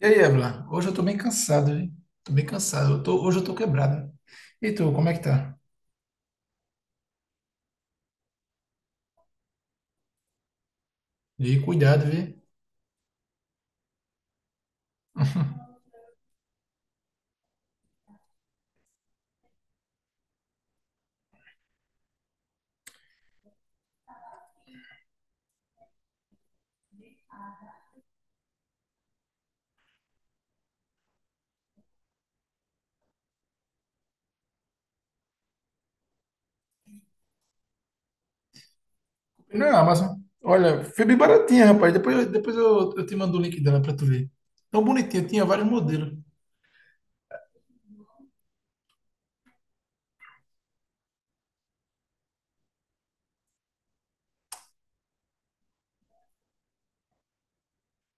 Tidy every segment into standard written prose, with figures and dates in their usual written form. E aí, Evelyn? Hoje eu tô bem cansado, viu? Tô bem cansado. Hoje eu tô quebrado. E tu, como é que tá? E cuidado, viu? Não, é, Amazon. Olha, foi bem baratinha, rapaz. Depois eu te mando o link dela pra tu ver. Tão bonitinha, tinha vários modelos.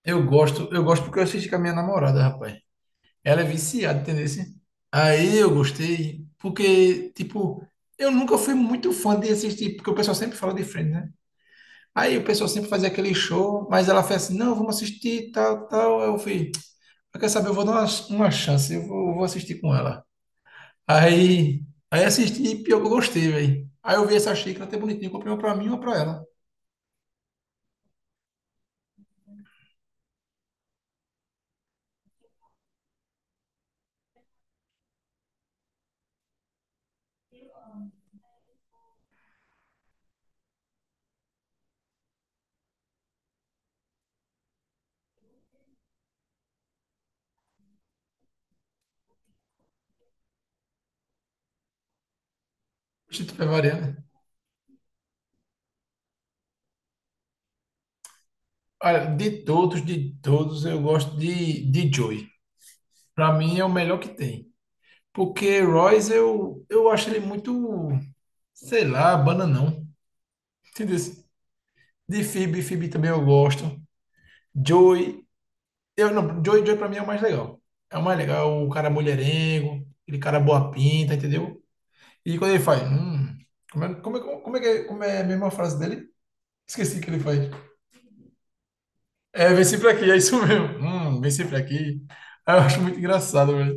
Eu gosto porque eu assisti com a minha namorada, rapaz. Ela é viciada, entendeu? Assim? Aí eu gostei, porque, tipo, eu nunca fui muito fã de assistir, porque o pessoal sempre fala de Friends, né? Aí o pessoal sempre fazia aquele show, mas ela fez assim, não, vamos assistir, tal, tal. Aí eu fui. Ela quer saber, eu vou dar uma chance, eu vou assistir com ela. Aí, aí assisti e pior que eu gostei, velho. Aí eu vi essa xícara até bonitinha, comprei uma pra mim e uma pra ela. Gente, tá variando. Olha, de todos, eu gosto de Joey. Pra mim é o melhor que tem. Porque Royce, eu acho ele muito, sei lá, bananão. Entendeu? De Phoebe, Phoebe também eu gosto. Joey, eu não, Joey, Joey pra mim é o mais legal. É o mais legal, o cara mulherengo, aquele cara boa pinta, entendeu? E quando ele faz, como é a mesma frase dele? Esqueci que ele faz. É, vem sempre aqui, é isso mesmo. Vem sempre aqui. Ah, eu acho muito engraçado, velho.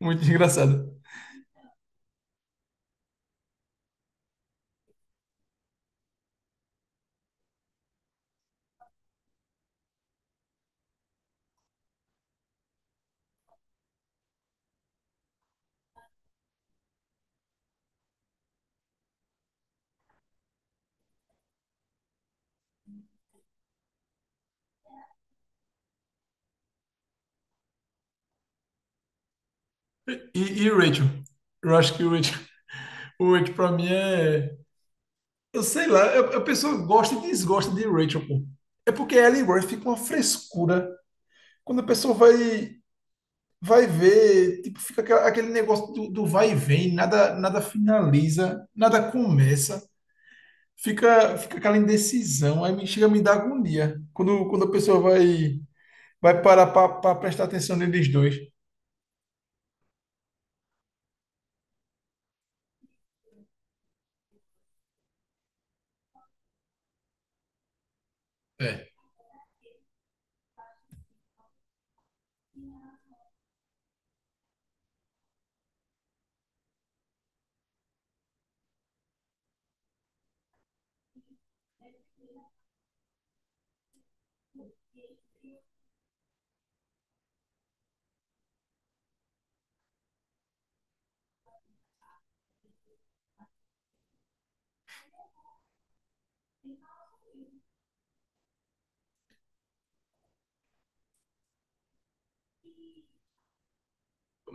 Muito engraçado. E o Rachel? Eu acho que o Rachel pra mim é. Eu sei lá, a pessoa gosta e desgosta de Rachel, pô. É porque ela e Rory ficam uma frescura. Quando a pessoa vai ver, tipo, fica aquele negócio do vai e vem, nada, nada finaliza, nada começa, fica aquela indecisão, aí me chega a me dar agonia quando, quando a pessoa vai, vai parar para prestar atenção neles dois. É.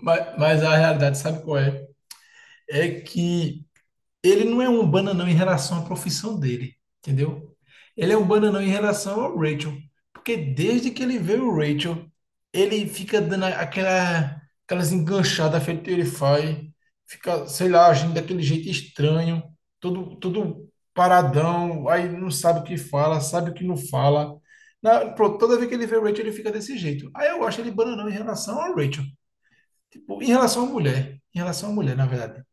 Mas a realidade, sabe qual é? É que ele não é um bananão em relação à profissão dele, entendeu? Ele é um bananão em relação ao Rachel, porque desde que ele vê o Rachel, ele fica dando aquela, aquelas enganchadas feito ele faz, fica, sei lá, agindo daquele jeito estranho, todo, todo paradão, aí não sabe o que fala, sabe o que não fala. Pronto, toda vez que ele vê o Rachel, ele fica desse jeito. Aí eu acho ele bananão em relação ao Rachel, tipo, em relação à mulher, em relação à mulher, na verdade.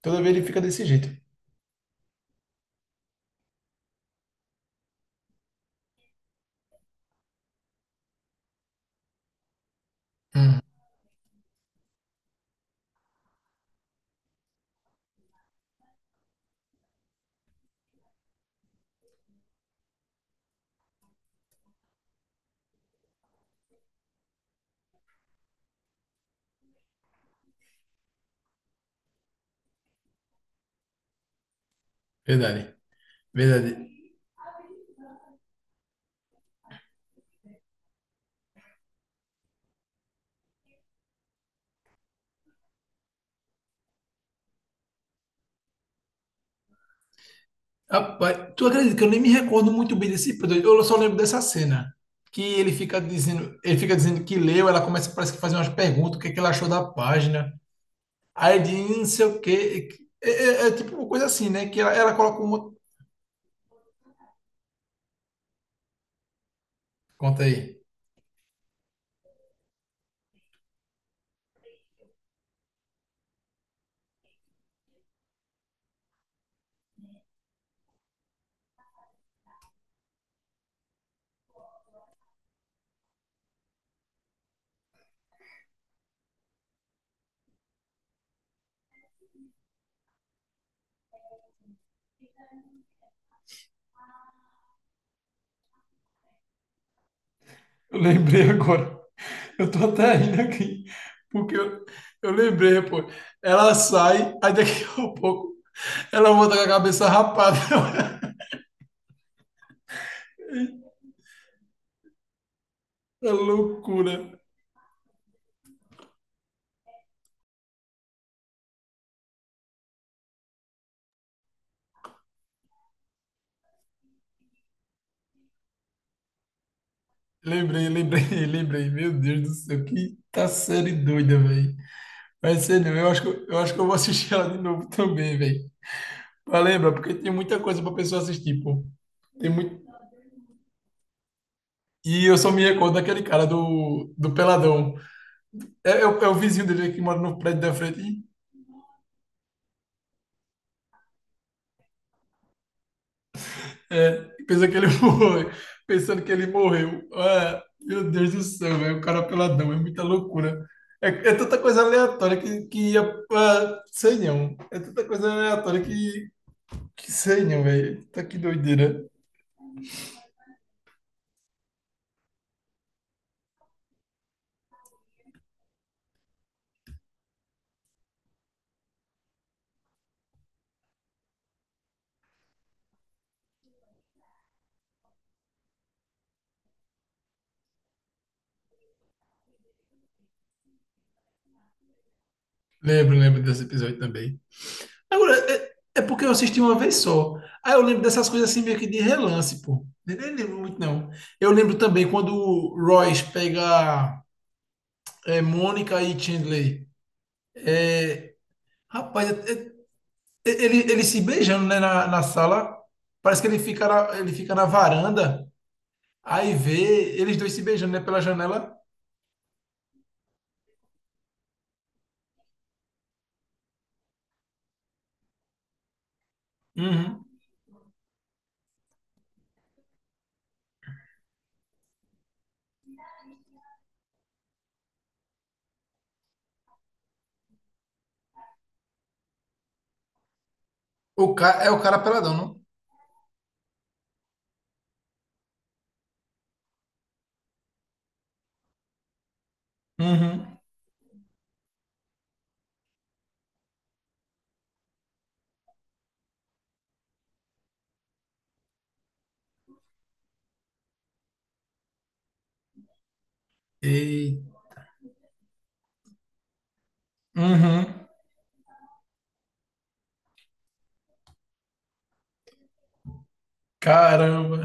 Toda vez ele fica desse jeito. Verdade. Verdade. Rapaz, tu acredita que eu nem me recordo muito bem desse episódio? Eu só lembro dessa cena. Que ele fica dizendo que leu, ela começa, parece que fazer umas perguntas, o que é que ela achou da página. Aí ele diz, não sei o quê." É tipo uma coisa assim, né? Que ela coloca um. Conta aí. Eu lembrei agora. Eu tô até rindo aqui, porque eu lembrei, pô. Ela sai, aí daqui a pouco ela volta com a cabeça rapada. É loucura. Lembrei, lembrei, lembrei. Meu Deus do céu, que tá série doida, velho. Mas ser não. Eu acho que eu vou assistir ela de novo também, velho. Mas lembra, porque tem muita coisa pra pessoa assistir, pô. Tem muito... E eu só me recordo daquele cara do Peladão. É o vizinho dele que mora no prédio da frente. É, pensa que ele foi pensando que ele morreu. Ah, meu Deus do céu, velho, o cara é peladão, é muita loucura. É, é tanta coisa aleatória que ia. Ah, sei não. É tanta coisa aleatória que sei não, velho. Tá que doideira. Lembro, lembro desse episódio também. Agora, é porque eu assisti uma vez só. Aí eu lembro dessas coisas assim meio que de relance, pô. Nem lembro muito, não. Eu lembro também quando o Royce pega é, Mônica e Chandler. É, rapaz, é ele, ele se beijando, né, na, na sala. Parece que ele fica na varanda. Aí vê eles dois se beijando, né, pela janela. Uhum. O ca... É o cara peladão, não? Uhum. E uhum. Caramba.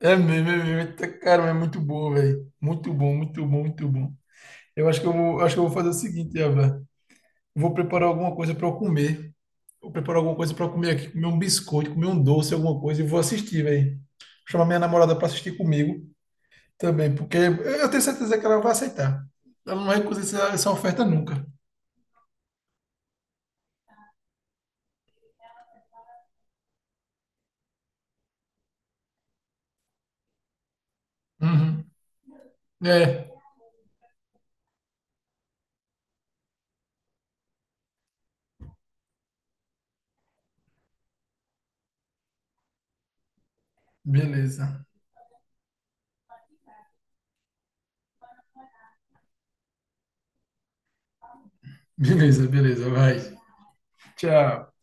É mesmo, é mesmo. Eita, caramba, é muito bom, velho. Muito bom, muito bom, muito bom. Eu acho que eu vou, acho que eu vou fazer o seguinte, Eva. Vou preparar alguma coisa para eu comer. Vou preparar alguma coisa para eu comer aqui, comer um biscoito, comer um doce, alguma coisa e vou assistir, velho. Chamar minha namorada para assistir comigo. Também, porque eu tenho certeza que ela vai aceitar. Ela não vai recusar essa oferta nunca. Uhum. É, beleza. Beleza, beleza, vai. Tchau.